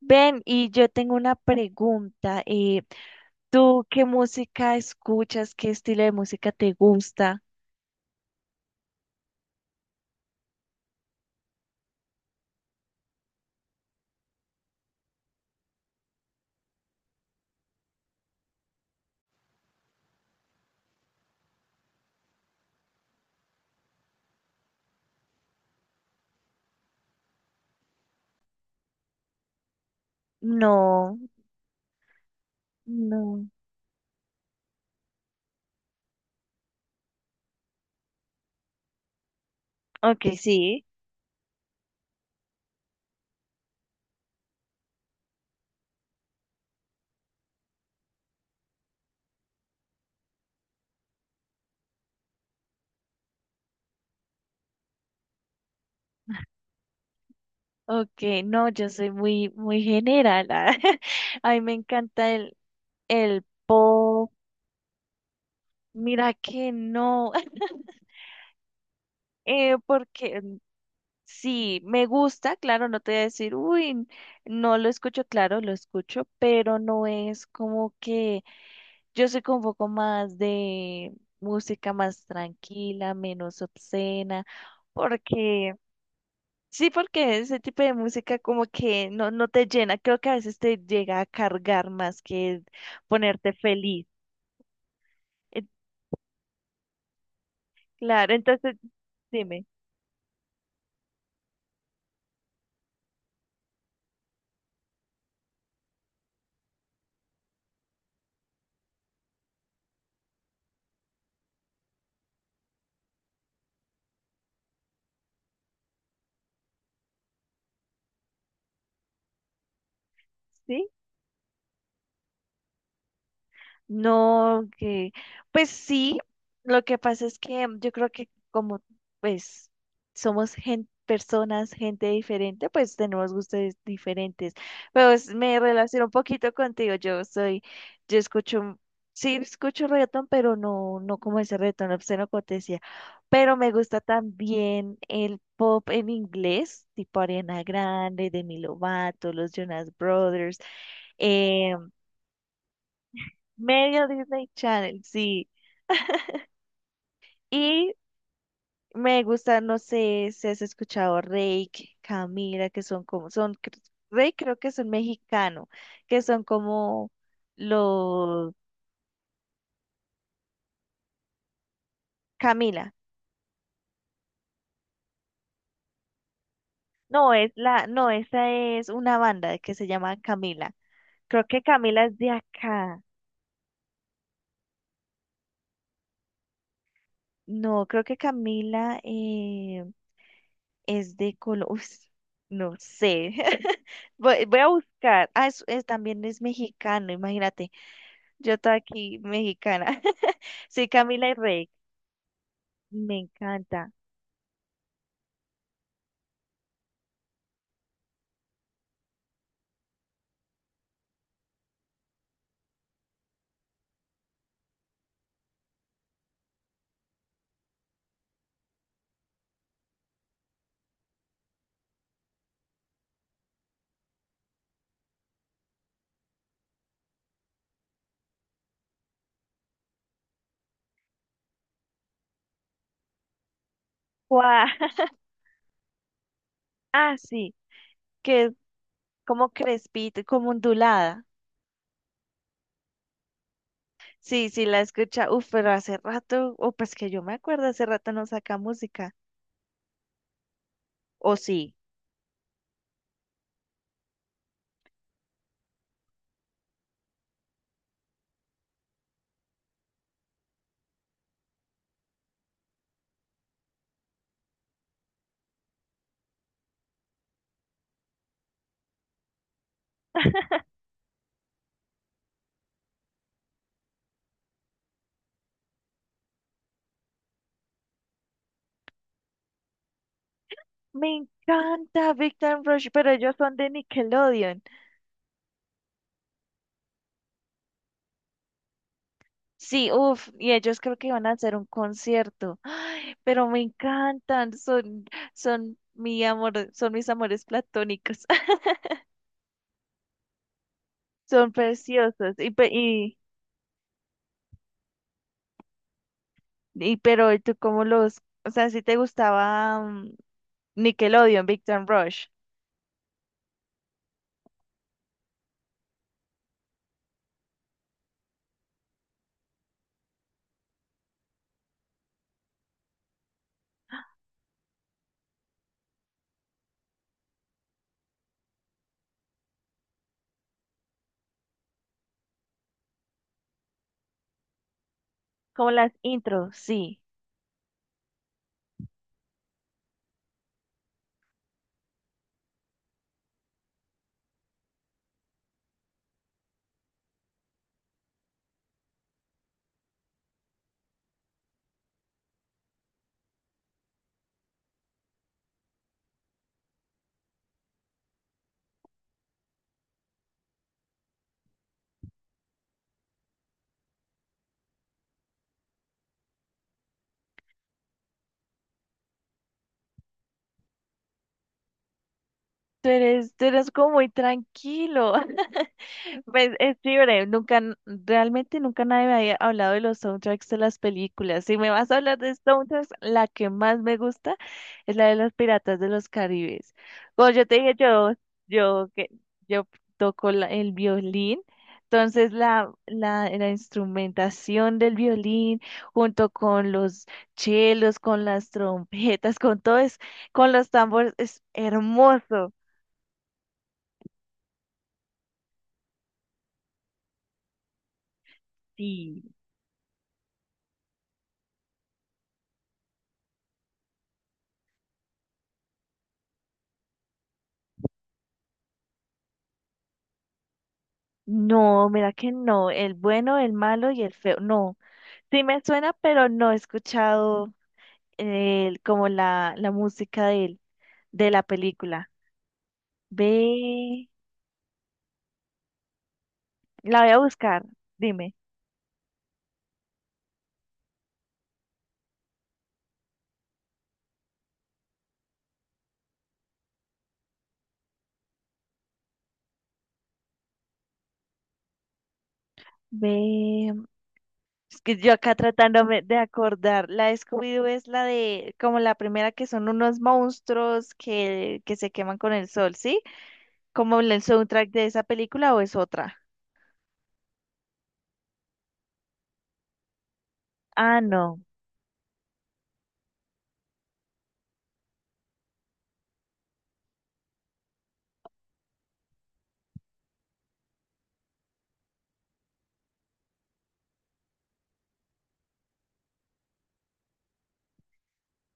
Ven, y yo tengo una pregunta. ¿Tú qué música escuchas? ¿Qué estilo de música te gusta? No, no. Ok, sí. Ok, no, yo soy muy, muy general. Ah. A mí me encanta el pop. Mira que no, porque sí, me gusta, claro, no te voy a decir, no lo escucho, claro, lo escucho, pero no es como que yo soy como un poco más de música más tranquila, menos obscena, porque sí, porque ese tipo de música como que no, no te llena, creo que a veces te llega a cargar más que ponerte feliz. Eh, Claro, entonces dime. ¿Sí? No, que pues sí, lo que pasa es que yo creo que como pues personas, gente diferente, pues tenemos gustos diferentes. Pero me relaciono un poquito contigo. Yo escucho, sí escucho reggaetón, pero no, no como ese reggaetón obsceno como te decía. Pero me gusta también el pop en inglés, tipo Ariana Grande, Demi Lovato, los Jonas Brothers. em, Medio Disney Channel, sí. Y me gusta, no sé si has escuchado Reik, Camila, que son como, Reik creo que son mexicano, que son como los, Camila. No, no, esa es una banda que se llama Camila. Creo que Camila es de acá. No, creo que Camila es de Colombia. No sé. Voy a buscar. Ah, también es mexicano, imagínate. Yo estoy aquí, mexicana. Soy Camila y Rey. Me encanta. ¡Guau! Ah, sí, que es como crespita, como ondulada. Sí, sí, la escucha. Uf, pero hace rato, o pues que yo me acuerdo, hace rato no saca música. O sí. Me encanta Big Time Rush, pero ellos son de Nickelodeon. Sí, uff, y ellos creo que iban a hacer un concierto. Ay, pero me encantan, son mi amor, son mis amores platónicos. Son preciosos. Y pero ¿y tú cómo los, o sea, si te gustaba Nickelodeon, Victor Rush, como las intros, sí. Tú eres como muy tranquilo. Pues es libre, nunca, n- realmente nunca nadie me había hablado de los soundtracks de las películas. Si me vas a hablar de soundtracks, la que más me gusta es la de los Piratas de los Caribes. Como yo te dije, yo, que, yo toco el violín, entonces la instrumentación del violín, junto con los chelos, con las trompetas, con todo es, con los tambores, es hermoso. Sí, no, mira que no, el bueno, el malo y el feo, no, sí me suena, pero no he escuchado el, como la música de él, de la película. Ve, la voy a buscar, dime, ve, es que yo acá tratándome de acordar, la de Scooby-Doo es la de, como la primera que son unos monstruos que se queman con el sol, ¿sí? ¿Como el soundtrack de esa película o es otra? Ah, no,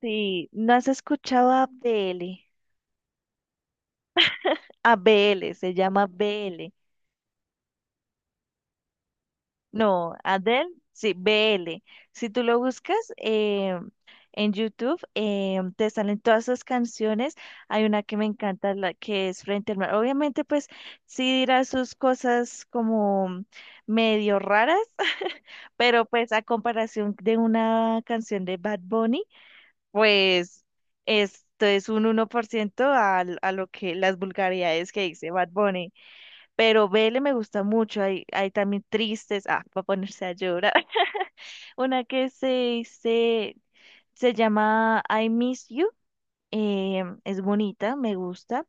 sí, ¿no has escuchado a Abdele? A B L, se llama B L. No, Adele, sí, B L. Si tú lo buscas en YouTube, te salen todas sus canciones. Hay una que me encanta, la que es Frente al Mar. Obviamente, pues sí dirá sus cosas como medio raras, pero pues a comparación de una canción de Bad Bunny, pues esto es un uno por ciento a lo que las vulgaridades que dice Bad Bunny. Pero Vele me gusta mucho, hay también tristes, ah, para ponerse a llorar. Una que se llama I Miss You, es bonita, me gusta.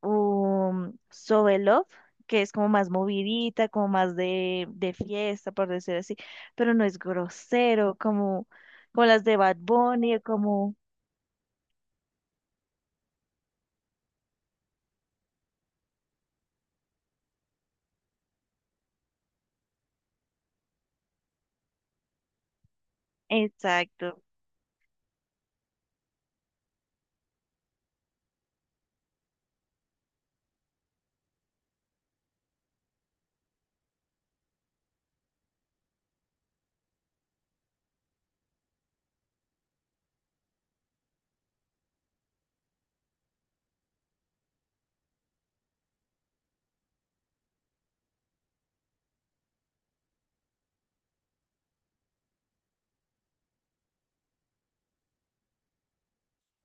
So in Love, que es como más movidita, como más de fiesta, por decir así, pero no es grosero, como, como las de Bad Bunny, como, exacto.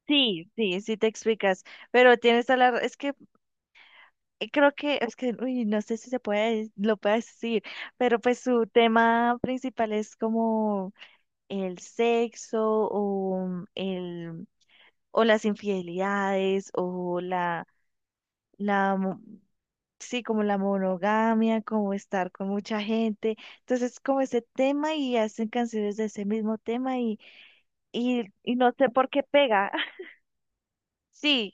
Sí, sí, sí te explicas, pero tienes a la, es que creo que es que, uy, no sé si se puede, lo puedo decir, pero pues su tema principal es como el sexo o el o las infidelidades o la mo- sí, como la monogamia, como estar con mucha gente. Entonces, como ese tema y hacen canciones de ese mismo tema y no sé por qué pega. Sí,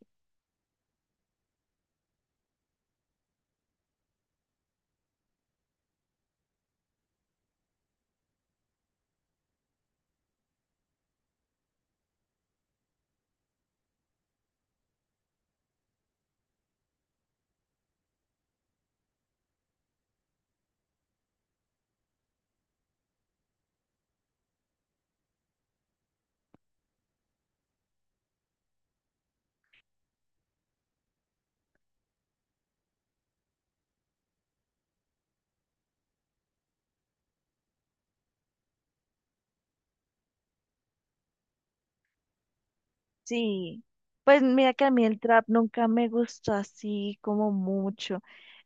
sí, pues mira que a mí el trap nunca me gustó así como mucho.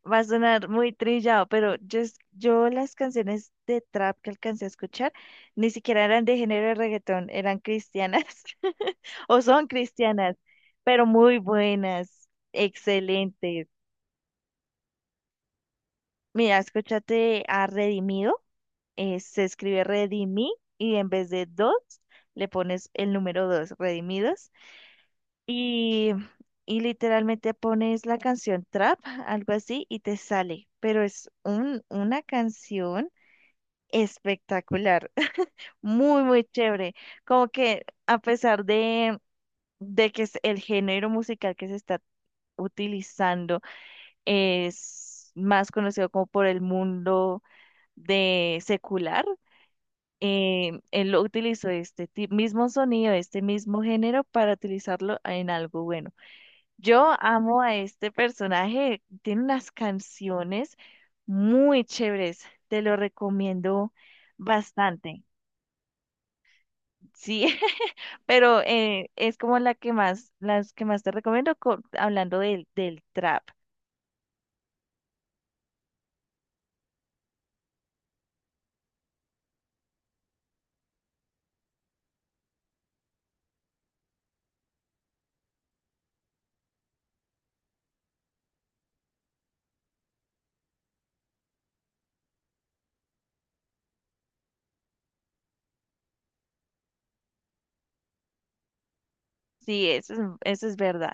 Va a sonar muy trillado, pero yo las canciones de trap que alcancé a escuchar ni siquiera eran de género de reggaetón, eran cristianas o son cristianas, pero muy buenas, excelentes. Mira, escúchate a Redimido, se escribe Redimí y en vez de dos le pones el número dos, Redimidos. Y, y literalmente pones la canción trap, algo así, y te sale. Pero es una canción espectacular, muy, muy chévere. Como que a pesar de que es el género musical que se está utilizando es más conocido como por el mundo de secular. Eh, él lo utilizó mismo sonido, este mismo género para utilizarlo en algo bueno. Yo amo a este personaje, tiene unas canciones muy chéveres, te lo recomiendo bastante, sí, pero es como la que más, las que más te recomiendo hablando del trap, sí, eso es verdad.